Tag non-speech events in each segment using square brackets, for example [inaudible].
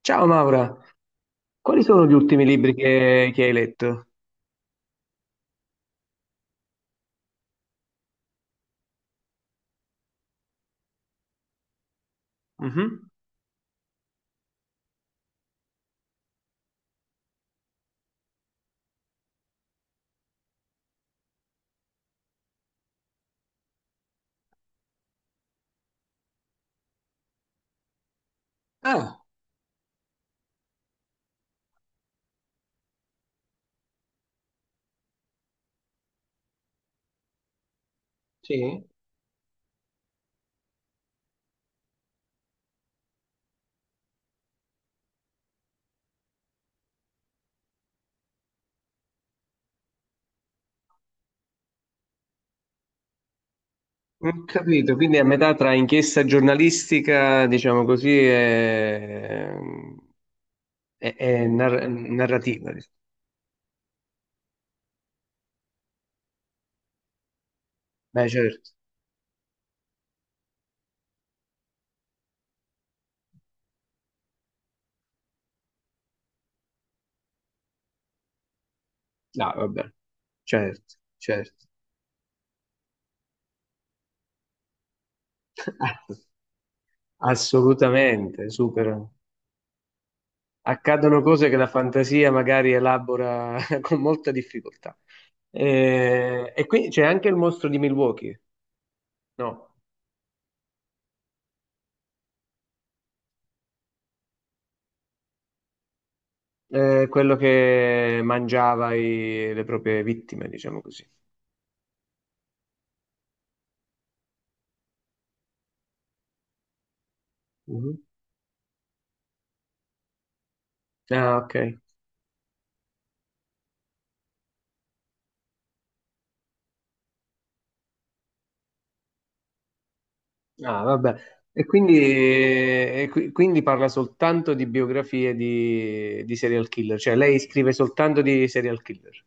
Ciao Maura, quali sono gli ultimi libri che hai letto? Mhm. Ah, sì, ho capito, quindi è a metà tra inchiesta giornalistica, diciamo così, e, narrativa. Beh, certo, no, vabbè, certo, certo. [laughs] Assolutamente, super. Accadono cose che la fantasia magari elabora [laughs] con molta difficoltà. E quindi c'è anche il mostro di Milwaukee, no? È quello che mangiava le proprie vittime, diciamo così. Mhm. Ah, ok. Ah, vabbè. E quindi, quindi parla soltanto di biografie di serial killer, cioè lei scrive soltanto di serial killer.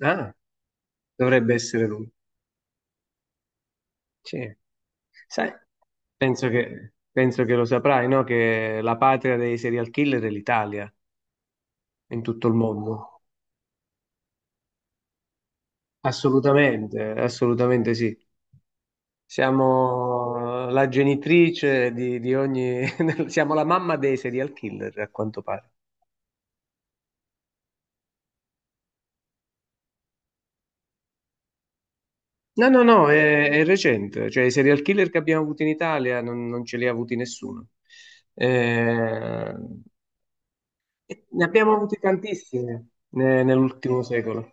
Ah, dovrebbe essere lui. Sì. Sai, penso che lo saprai, no? Che la patria dei serial killer è l'Italia, in tutto il mondo. Assolutamente, assolutamente sì. Siamo la genitrice di ogni... [laughs] siamo la mamma dei serial killer, a quanto pare. No, no, no, è recente. Cioè, i serial killer che abbiamo avuto in Italia non ce li ha avuti nessuno. Eh, ne abbiamo avuti tantissimi nell'ultimo secolo.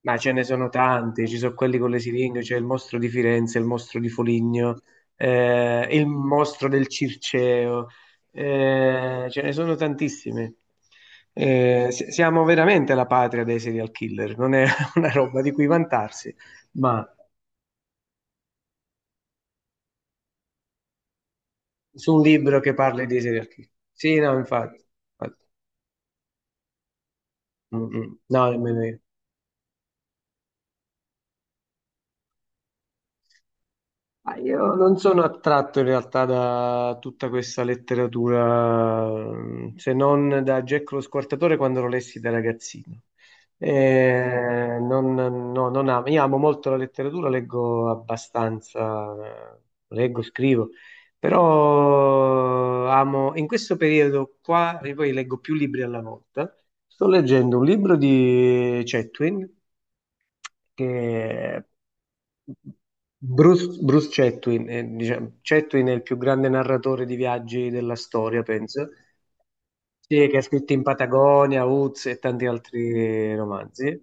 Ma ce ne sono tanti, ci sono quelli con le siringhe, c'è il mostro di Firenze, il mostro di Foligno, il mostro del Circeo, ce ne sono tantissimi. Siamo veramente la patria dei serial killer, non è [laughs] una roba di cui vantarsi, ma su un libro che parli di serial killer. Sì, no, infatti. Infatti. Mm, mm. No, nemmeno io. Ma io non sono attratto in realtà da tutta questa letteratura, se non da Jack lo Squartatore quando lo lessi da ragazzino. Non amo. Io amo molto la letteratura, leggo abbastanza, eh, leggo, scrivo, però amo, in questo periodo qua, e poi leggo più libri alla volta, sto leggendo un libro di Chetwin che Bruce, Bruce Chatwin, diciamo, Chatwin è il più grande narratore di viaggi della storia, penso, sì, che ha scritto In Patagonia, Uz e tanti altri romanzi.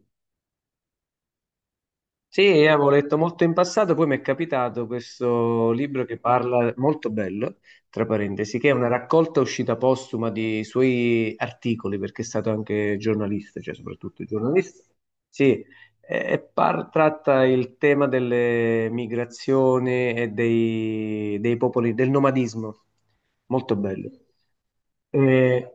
Sì, io avevo letto molto in passato, poi mi è capitato questo libro che parla, molto bello, tra parentesi, che è una raccolta uscita postuma di suoi articoli, perché è stato anche giornalista, cioè soprattutto giornalista. Sì, e tratta il tema delle migrazioni e dei popoli, del nomadismo. Molto bello. Eh,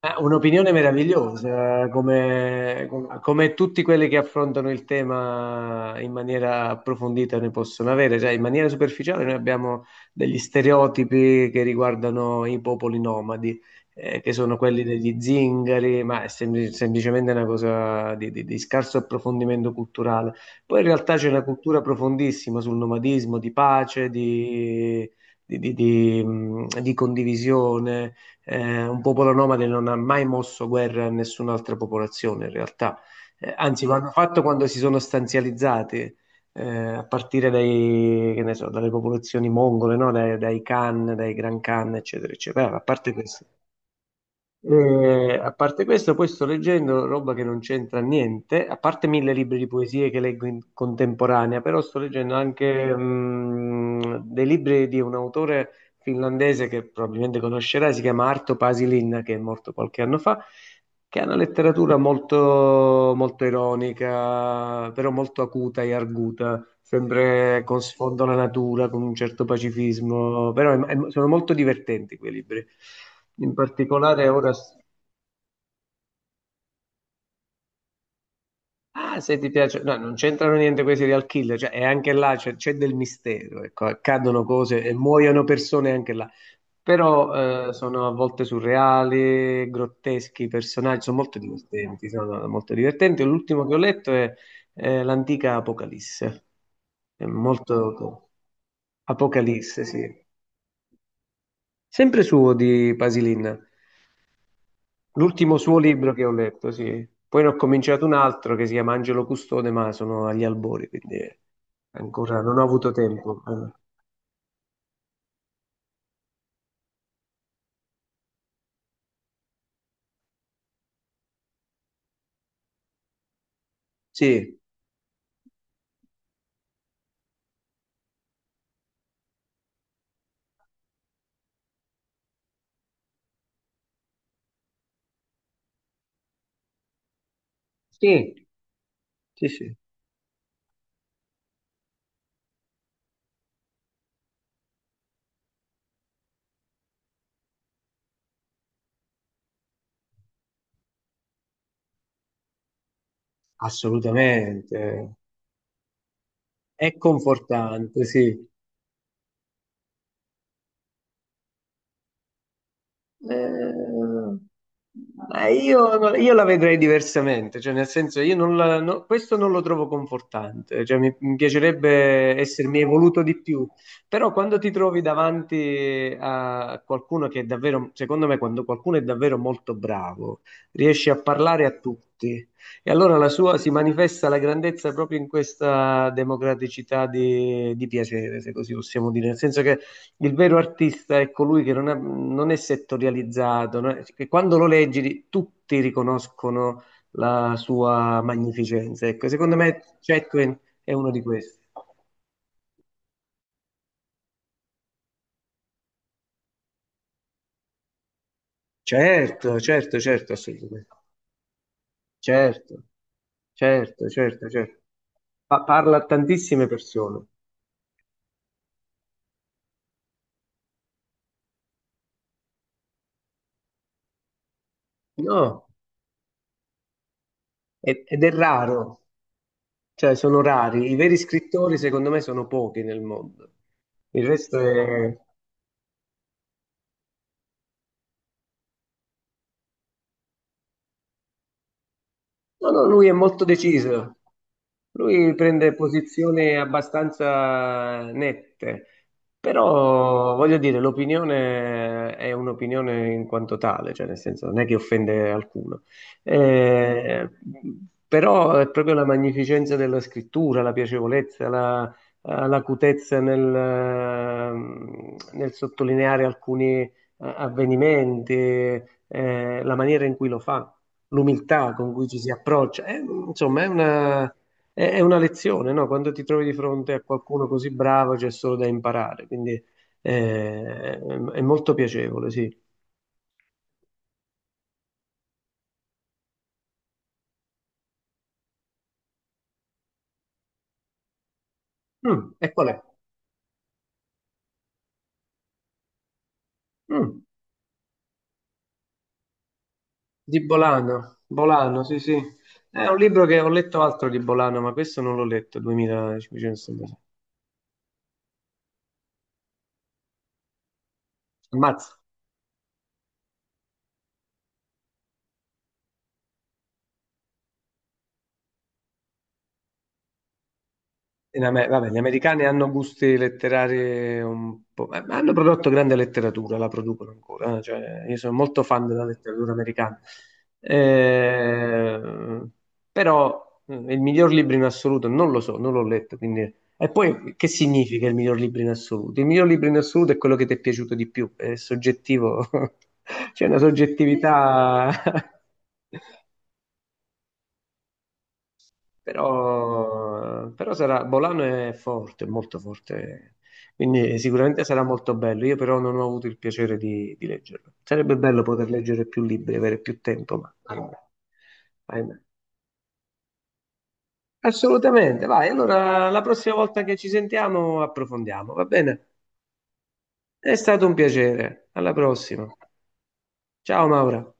un'opinione meravigliosa, come, come tutti quelli che affrontano il tema in maniera approfondita ne possono avere, cioè in maniera superficiale noi abbiamo degli stereotipi che riguardano i popoli nomadi, che sono quelli degli zingari, ma è semplicemente una cosa di, di scarso approfondimento culturale. Poi in realtà c'è una cultura profondissima sul nomadismo, di pace, di condivisione un popolo nomade non ha mai mosso guerra a nessun'altra popolazione in realtà. Anzi lo hanno fatto quando si sono stanzializzati, eh, a partire dai, che ne so, dalle popolazioni mongole, no? Dai Khan, dai Gran Khan, eccetera, eccetera. A parte questo. A parte questo, poi sto leggendo roba che non c'entra niente, a parte mille libri di poesie che leggo in contemporanea, però sto leggendo anche dei libri di un autore finlandese che probabilmente conoscerai, si chiama Arto Pasilin, che è morto qualche anno fa, che ha una letteratura molto, molto ironica, però molto acuta e arguta, sempre con sfondo alla natura, con un certo pacifismo, però sono molto divertenti quei libri. In particolare ora... Ah, se ti piace, no, non c'entrano niente quei serial killer, cioè, e anche là c'è del mistero, ecco, accadono cose e muoiono persone anche là, però sono a volte surreali, grotteschi, i personaggi sono molto divertenti, sono molto divertenti. L'ultimo che ho letto è l'antica Apocalisse, è molto... Apocalisse, sì. Sempre suo di Pasilin. L'ultimo suo libro che ho letto, sì. Poi ne ho cominciato un altro che si chiama Angelo Custode, ma sono agli albori, quindi ancora non ho avuto tempo. Sì, sì, sì, sì, assolutamente. È confortante, sì. Eh, ma io, no, io la vedrei diversamente, cioè nel senso io non la- no- questo non lo trovo confortante, cioè mi piacerebbe essermi evoluto di più, però quando ti trovi davanti a qualcuno che è davvero, secondo me quando qualcuno è davvero molto bravo, riesce a parlare a tutti e allora la sua si manifesta la grandezza proprio in questa democraticità di piacere, se così possiamo dire, nel senso che il vero artista è colui che non è settorializzato, non è- che quando lo leggi tutti riconoscono la sua magnificenza. Ecco, secondo me Chatwin è uno di questi. Certo, certo, certo, assolutamente. Certo, certo, certo, certo. Parla a tantissime persone. No, ed è raro, cioè sono rari. I veri scrittori, secondo me, sono pochi nel mondo. Il resto è... No, no, lui è molto deciso. Lui prende posizioni abbastanza nette, però voglio dire, l'opinione è un'opinione in quanto tale, cioè nel senso non è che offende alcuno. Eh, però è proprio la magnificenza della scrittura, la piacevolezza, la, l'acutezza nel, nel sottolineare alcuni avvenimenti, la maniera in cui lo fa l'umiltà con cui ci si approccia. È, insomma, è una, è una lezione, no? Quando ti trovi di fronte a qualcuno così bravo c'è solo da imparare, quindi eh, è molto piacevole, sì. Mm, e qual è? Mm, di Bolano, Bolano, sì, sì. È un libro che ho letto altro di Bolano, ma questo non l'ho letto, 2500. Ammazza. In Amer- vabbè, gli americani hanno gusti letterari un po', ma hanno prodotto grande letteratura, la producono ancora, cioè, io sono molto fan della letteratura americana. Eh, però il miglior libro in assoluto non lo so, non l'ho letto, quindi... E poi che significa il miglior libro in assoluto? Il miglior libro in assoluto è quello che ti è piaciuto di più, è soggettivo, [laughs] c'è una soggettività. [laughs] Però, però sarà, Bolano è forte, molto forte, quindi sicuramente sarà molto bello. Io però non ho avuto il piacere di leggerlo. Sarebbe bello poter leggere più libri, avere più tempo, ma ahimè. Ahimè. Assolutamente, vai. Allora, la prossima volta che ci sentiamo approfondiamo, va bene? È stato un piacere. Alla prossima. Ciao Maura.